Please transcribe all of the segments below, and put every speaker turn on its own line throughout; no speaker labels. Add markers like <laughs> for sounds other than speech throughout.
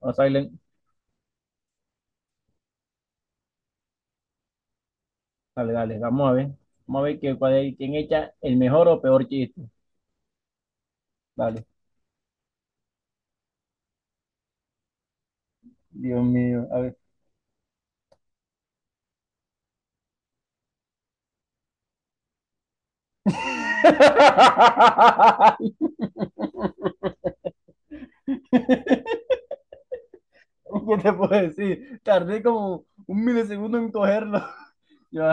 O Silent. Dale, dale, vamos a ver. Vamos a ver quién echa el mejor o peor chiste. Dale. Dios mío, a ver. <laughs> ¿Qué te puedo decir? Tardé como un milisegundo en cogerlo. Yo,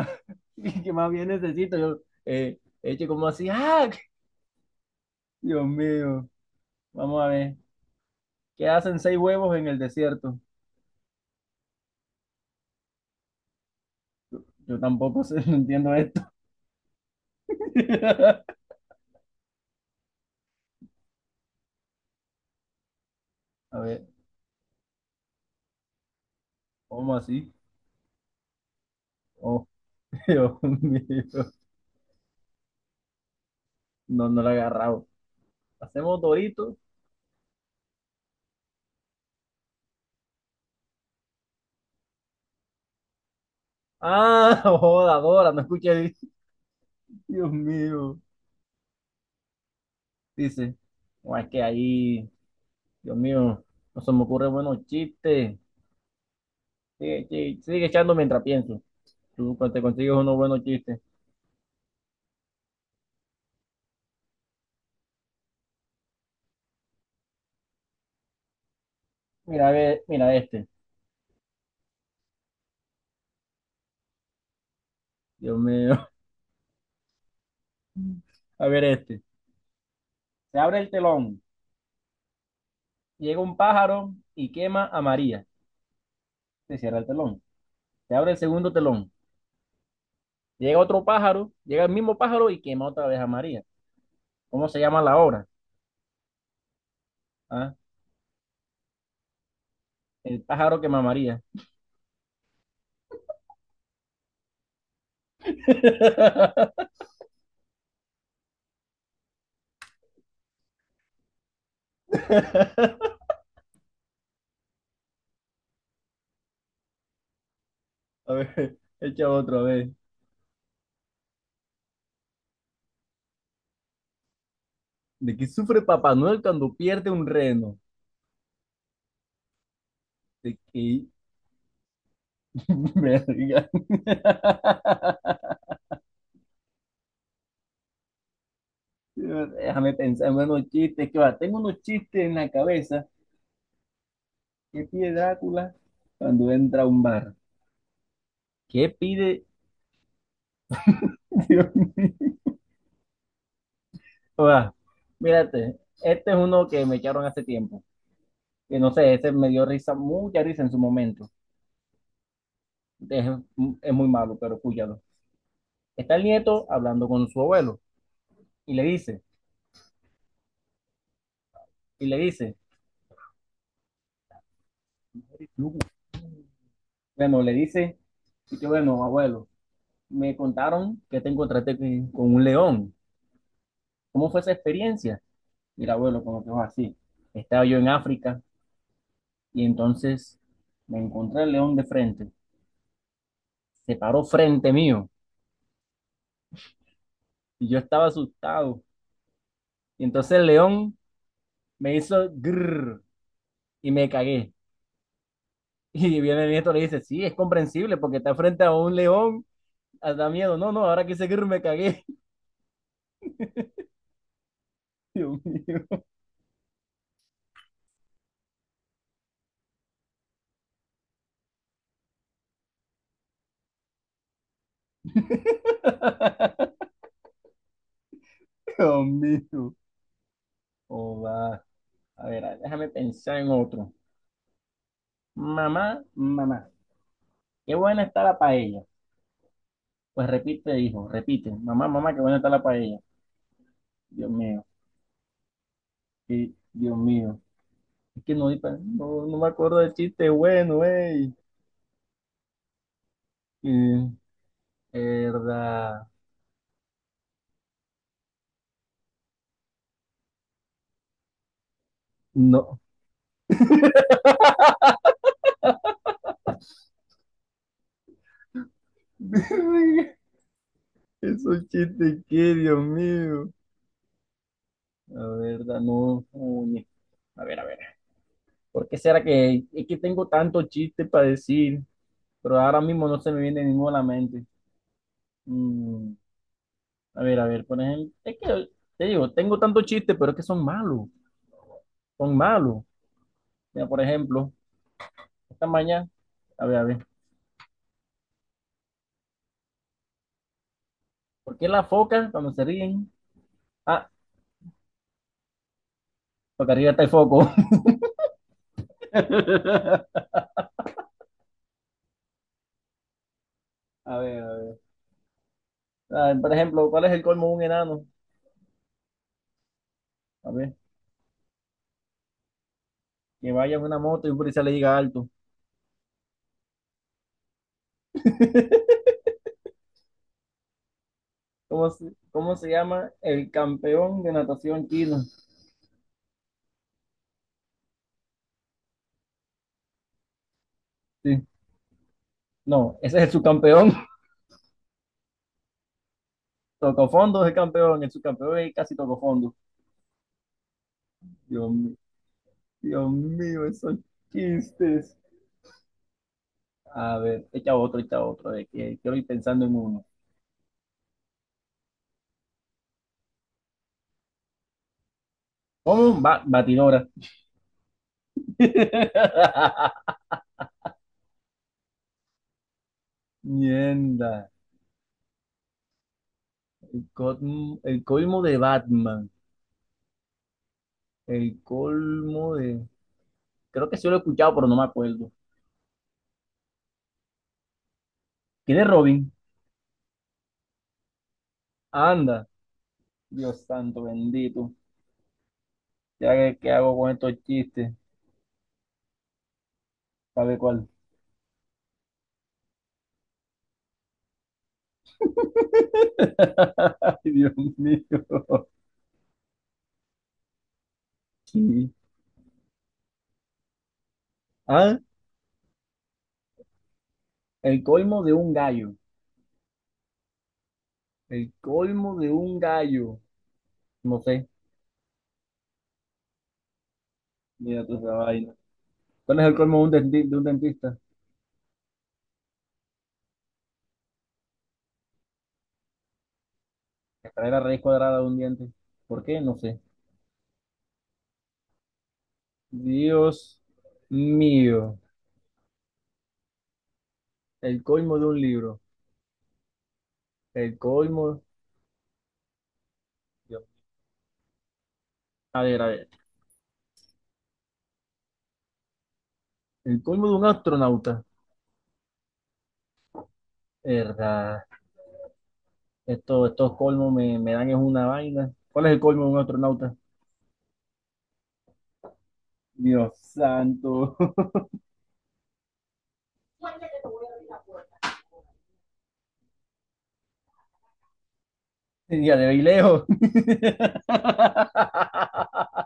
<laughs> ¿qué más bien necesito? Yo, eche como así, ¡ah! Dios mío. Vamos a ver. ¿Qué hacen seis huevos en el desierto? Yo tampoco sé, <laughs> no entiendo esto. <laughs> A ver, ¿cómo así? Oh, <laughs> Dios mío. No, no lo he agarrado. Hacemos Doritos. Ah, <laughs> joda, Dora, no escuché. <laughs> Dios mío. Dice, no, es que ahí, Dios mío, no se me ocurren buenos chistes. Sigue, sigue, sigue echando mientras pienso. Tú te consigues unos buenos chistes. Mira, a ver, mira este. Dios mío. <laughs> A ver este. Se abre el telón. Llega un pájaro y quema a María. Se cierra el telón. Se abre el segundo telón. Llega otro pájaro, llega el mismo pájaro y quema otra vez a María. ¿Cómo se llama la obra? Ah, el pájaro quema a María. <laughs> A ver, echa otra vez. ¿De qué sufre Papá Noel cuando pierde un reno? ¿De qué? <laughs> Verga. <laughs> Déjame pensar en unos chistes. Que va, tengo unos chistes en la cabeza. ¿Qué pide Drácula cuando entra a un bar? ¿Qué pide? <laughs> Dios mío. Va, mírate, este es uno que me echaron hace tiempo. Que no sé, ese me dio risa, mucha risa en su momento. Es, es muy malo, pero escúchalo. Está el nieto hablando con su abuelo. Y le dice, y le dice, "No". Bueno, le dice, y que bueno, abuelo, me contaron que te encontraste con un león. ¿Cómo fue esa experiencia? Y el abuelo, como que fue así. Estaba yo en África y entonces me encontré el león de frente. Se paró frente mío y yo estaba asustado. Y entonces el león me hizo grrr y me cagué. <laughs> Y viene el nieto y le dice, sí, es comprensible porque está frente a un león, da miedo. No, no, ahora que hice grrr me cagué. <laughs> Dios mío. <laughs> Dios mío. Oh, va. A ver, déjame pensar en otro. Mamá, mamá, qué buena está la paella. Pues repite, hijo, repite. Mamá, mamá, qué buena está la paella. Dios mío, sí, Dios mío. Es que no, no, no me acuerdo del chiste bueno, ey. Eh, Verdad. No. <laughs> Esos chistes, qué, Dios mío. La verdad, no. Coño. A ver, a ver. ¿Por qué será que, es que tengo tanto chiste para decir? Pero ahora mismo no se me viene ninguno a la mente. Mm, a ver, a ver, por ejemplo, es que te digo, tengo tantos chistes, pero es que son malos, son malos. Mira, por ejemplo, esta mañana, a ver, ¿por qué las focas cuando se ríen? Ah, porque arriba está el foco. <laughs> A ver, a ver. A ver, por ejemplo, ¿cuál es el colmo de un enano? A ver, que vaya en una moto y un policía le diga alto. <laughs> ¿Cómo se llama el campeón de natación chino? Sí. No, ese es el subcampeón. Tocó fondo, es el campeón, el subcampeón y casi tocó fondo. Dios mío, Dios mío, esos chistes. A ver, echa otro, de que quiero ir pensando en uno. ¿Cómo? Batidora. <laughs> Mierda. El colmo de Batman. El colmo de. Creo que sí lo he escuchado, pero no me acuerdo. ¿Quién es Robin? Anda. Dios santo, bendito. Ya que, ¿qué hago con estos chistes? ¿Sabe cuál? <laughs> Ay, Dios mío. <laughs> Sí. Ah, el colmo de un gallo. El colmo de un gallo. No sé. Mira tú esa vaina. ¿Cuál es el colmo de un, denti- ¿de un dentista? Que trae la raíz cuadrada de un diente. ¿Por qué? No sé. Dios mío. El colmo de un libro. El colmo. Dios. A ver, a ver. El colmo de un astronauta. Verdad. Estos colmos me dan es una vaina. ¿Cuál es el colmo de un astronauta? Dios santo. <laughs> Ya de ahí lejos. <laughs>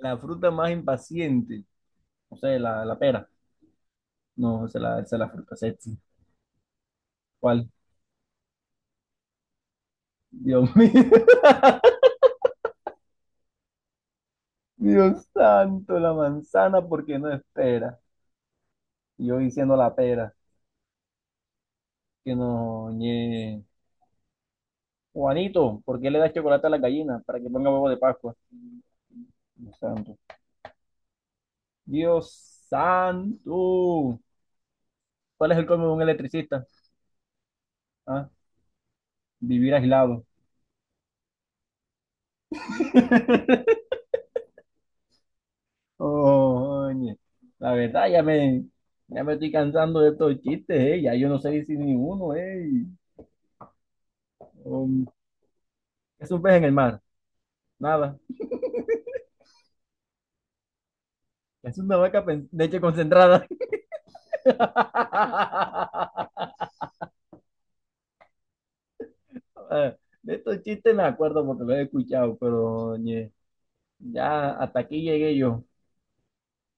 La fruta más impaciente. No sé, la pera. No, esa es esa es la fruta sexy. ¿Cuál? Dios mío. <laughs> Dios santo, la manzana, ¿por qué no espera? Y yo diciendo la pera, que no, ñe. Juanito, ¿por qué le das chocolate a la gallina para que ponga huevo de Pascua? Dios santo. Dios santo. ¿Cuál es el colmo de un electricista? Ah, vivir aislado. Oye, la verdad ya me estoy cansando de estos chistes, eh. Ya yo no sé si ninguno, eh. Um, ¿Qué es un pez en el mar? Nada. Es una vaca pen- Leche concentrada. <laughs> Eh, De estos chistes me acuerdo porque los he escuchado, pero oye, ya hasta aquí llegué yo.